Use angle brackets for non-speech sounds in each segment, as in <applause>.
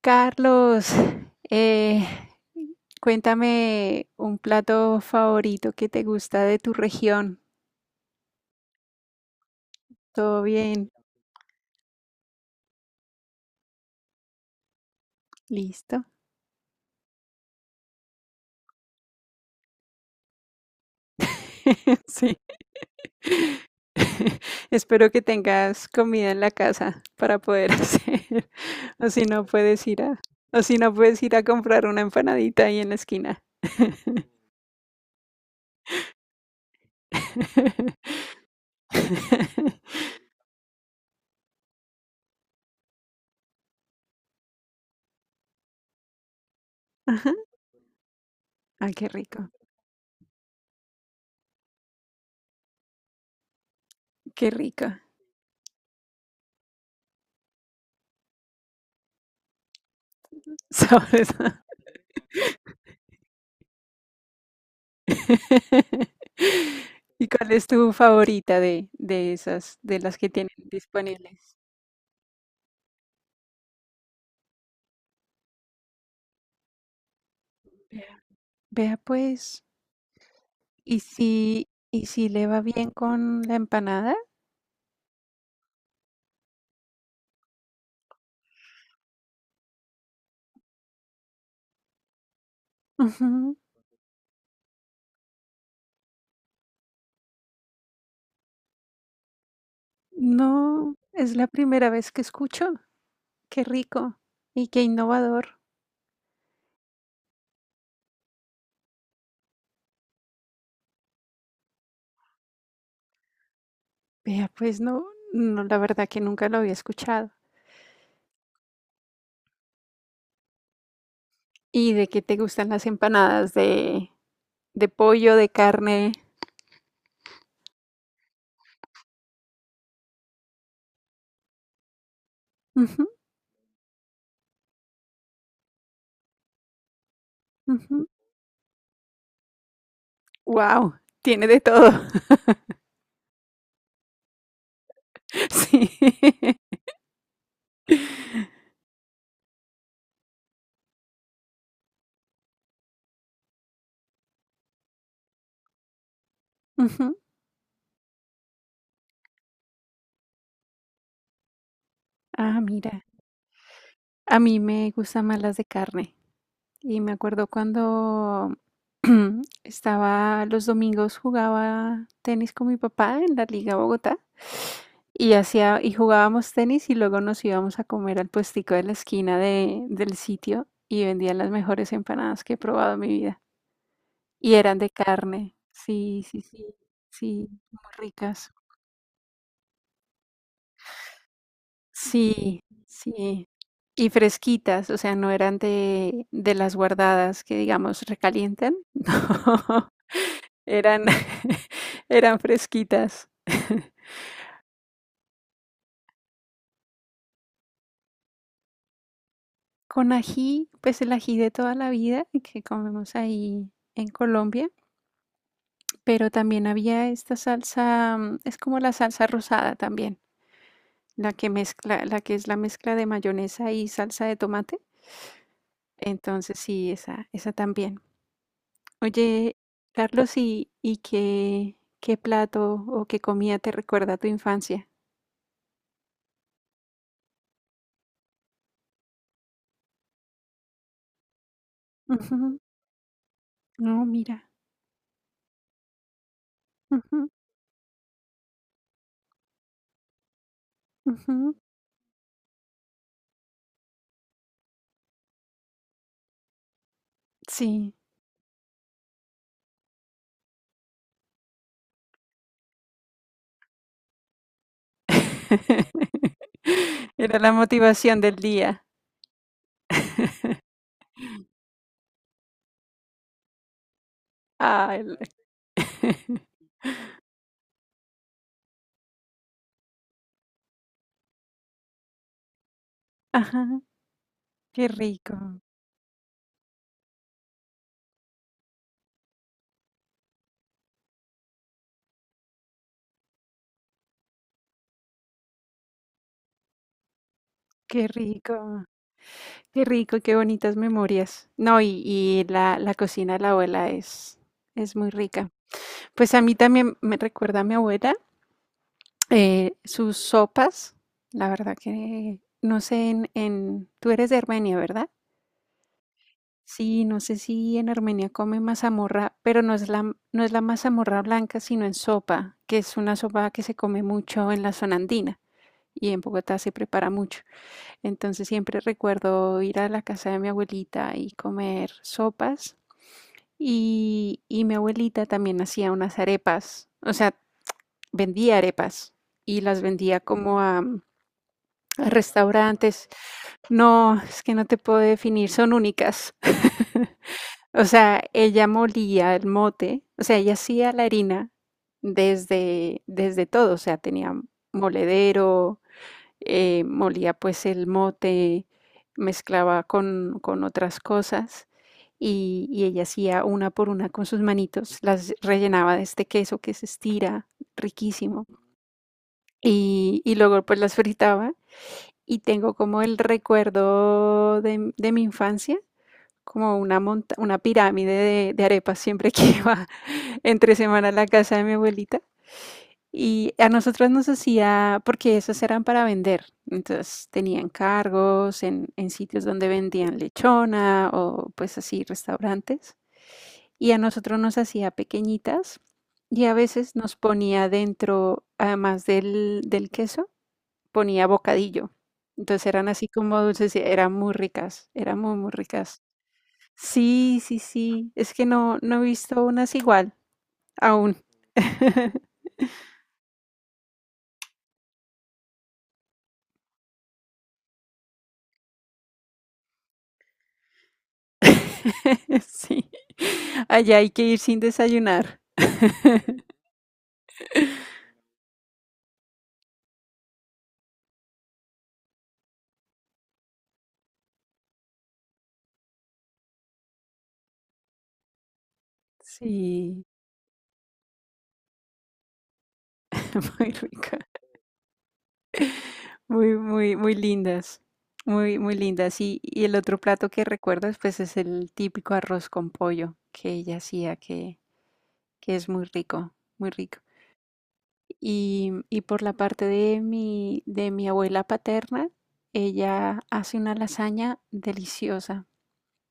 Carlos, eh, cuéntame un plato favorito que te gusta de tu región. ¿Todo bien? ¿Listo? <laughs> Sí. <laughs> Espero que tengas comida en la casa para poder hacer. <laughs> O si no puedes ir a, o si no puedes ir a comprar una empanadita ahí en la esquina. <laughs> Ajá. Ay, qué rico, qué rico. <laughs> Sabes. <laughs> ¿Y cuál es tu favorita de esas, de las que tienen disponibles? Vea, vea, pues, ¿y si le va bien con la empanada? Ujú. No, es la primera vez que escucho. Qué rico y qué innovador. Vea, pues no, no, la verdad que nunca lo había escuchado. ¿Y de qué te gustan las empanadas de pollo, de carne? Wow, tiene de todo. Sí. <laughs> Ujú. Ah, mira. A mí me gustan más las de carne. Y me acuerdo cuando <clears throat> estaba los domingos jugaba tenis con mi papá en la Liga Bogotá y hacía y jugábamos tenis y luego nos íbamos a comer al puestico de la esquina del sitio y vendían las mejores empanadas que he probado en mi vida. Y eran de carne. Sí, sí, sí. Sí, muy ricas. Sí, sí. Y fresquitas, o sea, no eran de las guardadas que, digamos, recalientan. <laughs> No, eran <laughs> eran fresquitas. <laughs> Con ají, pues el ají de toda la vida que comemos ahí en Colombia, pero también había esta salsa, es como la salsa rosada también, la que es la mezcla de mayonesa y salsa de tomate. Entonces sí, esa también. Oye, Carlos, ¿qué plato o qué comida te recuerda a tu infancia? Ujú. No, mira. Ujú. Ujú. Sí. <laughs> Era la motivación del día. Ah, el- <laughs> Ajá, qué rico, qué rico, qué rico, qué bonitas memorias. No, y la cocina de la abuela es muy rica. Pues a mí también me recuerda a mi abuela. Sus sopas, la verdad que no sé en- tú eres de Armenia, ¿verdad? Sí, no sé si en Armenia come mazamorra, pero no es la, no es la mazamorra blanca, sino en sopa, que es una sopa que se come mucho en la zona andina y en Bogotá se prepara mucho. Entonces siempre recuerdo ir a la casa de mi abuelita y comer sopas y mi abuelita también hacía unas arepas, o sea, vendía arepas y las vendía como a restaurantes. No, es que no te puedo definir, son únicas. <laughs> O sea, ella molía el mote, o sea, ella hacía la harina desde todo, o sea, tenía moledero, molía pues el mote, mezclaba con otras cosas y ella hacía una por una con sus manitos, las rellenaba de este queso que se estira, riquísimo, y luego pues las fritaba y tengo como el recuerdo de mi infancia, como una, una pirámide de arepas siempre que iba <laughs> entre semana a la casa de mi abuelita. Y a nosotros nos hacía, porque esas eran para vender, entonces tenían cargos en sitios donde vendían lechona o pues así restaurantes. Y a nosotros nos hacía pequeñitas y a veces nos ponía dentro, además del queso, ponía bocadillo. Entonces eran así como dulces, y eran muy ricas, eran muy, muy ricas. Sí, sí, sí, es que no, no he visto unas igual, aún. <laughs> Sí, allá hay que ir sin desayunar. Sí, <laughs> muy rica, muy, muy, muy lindas, muy, muy lindas. Y el otro plato que recuerdas, pues es el típico arroz con pollo que ella hacía, que es muy rico, muy rico. Y por la parte de mi abuela paterna, ella hace una lasaña deliciosa.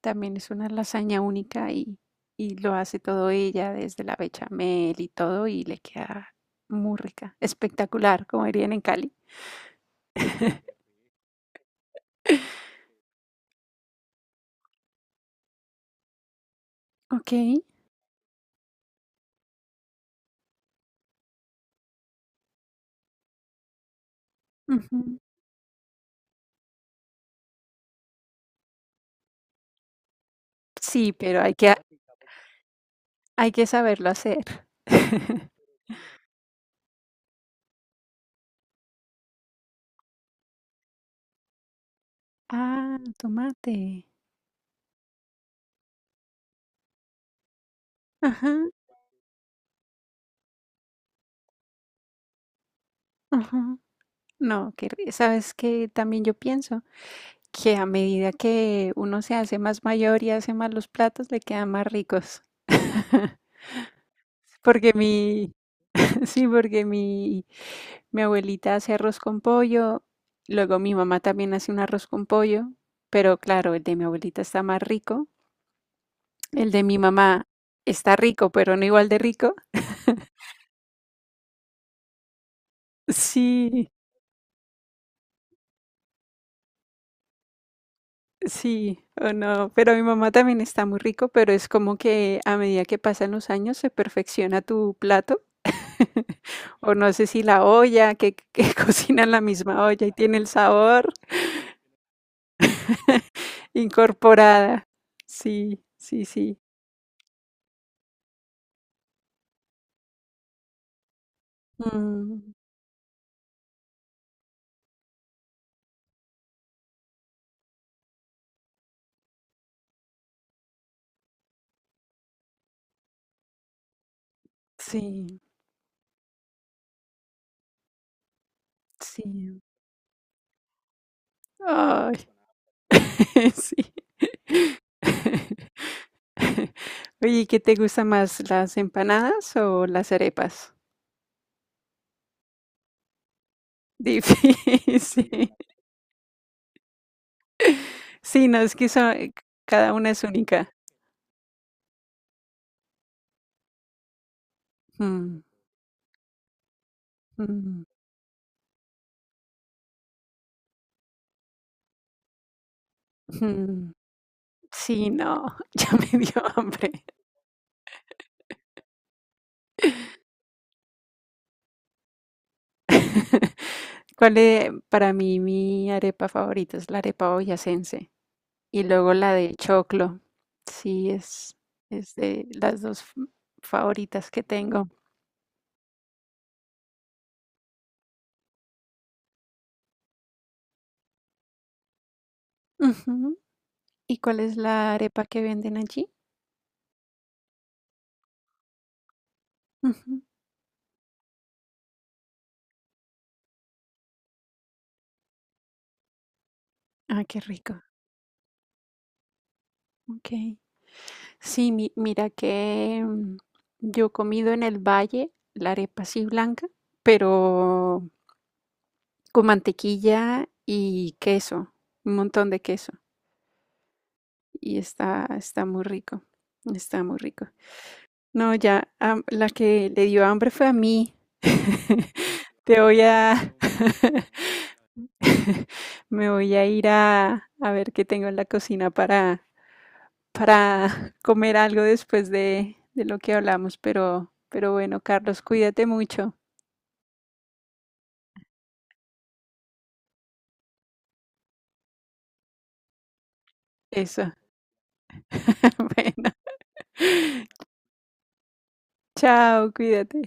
También es una lasaña única y lo hace todo ella, desde la bechamel y todo, y le queda muy rica, espectacular, como dirían en Cali. Ok. Ujú. Sí, pero hay que saberlo hacer. <laughs> Ah, tomate. Ajá, ajá. No, que, ¿sabes qué? También yo pienso que a medida que uno se hace más mayor y hace más los platos, le quedan más ricos. <laughs> Porque mi, <laughs> sí, porque mi abuelita hace arroz con pollo, luego mi mamá también hace un arroz con pollo, pero claro, el de mi abuelita está más rico, el de mi mamá está rico, pero no igual de rico. <laughs> Sí, sí, o no, pero mi mamá también está muy rico, pero es como que a medida que pasan los años se perfecciona tu plato. <laughs> O no sé si la olla, que <laughs> cocina en la misma olla y tiene el sabor incorporada. Sí, sí, sí. Mm, sí, sí. Ay, <laughs> sí. <laughs> Oye, ¿qué te gusta más, las empanadas o las arepas? Difícil. <laughs> Sí, no, es que son cada una es única. Mm, mm, mm. Sí, no, <laughs> ya me dio hambre. <laughs> ¿Cuál es para mí mi arepa favorita? Es la arepa boyacense y luego la de choclo. Sí, es de las dos favoritas que tengo. Ujú. ¿Y cuál es la arepa que venden allí? Ujú. Ah, qué rico. Ok. Sí, mira que yo he comido en el valle la arepa así blanca, pero con mantequilla y queso, un montón de queso. Y está, está muy rico, está muy rico. No, ya, am- la que le dio hambre fue a mí. <laughs> Te voy a, <laughs> me voy a ir a ver qué tengo en la cocina para <laughs> comer algo después de lo que hablamos, pero bueno, Carlos, cuídate mucho. Eso. <laughs> Bueno, chao, cuídate.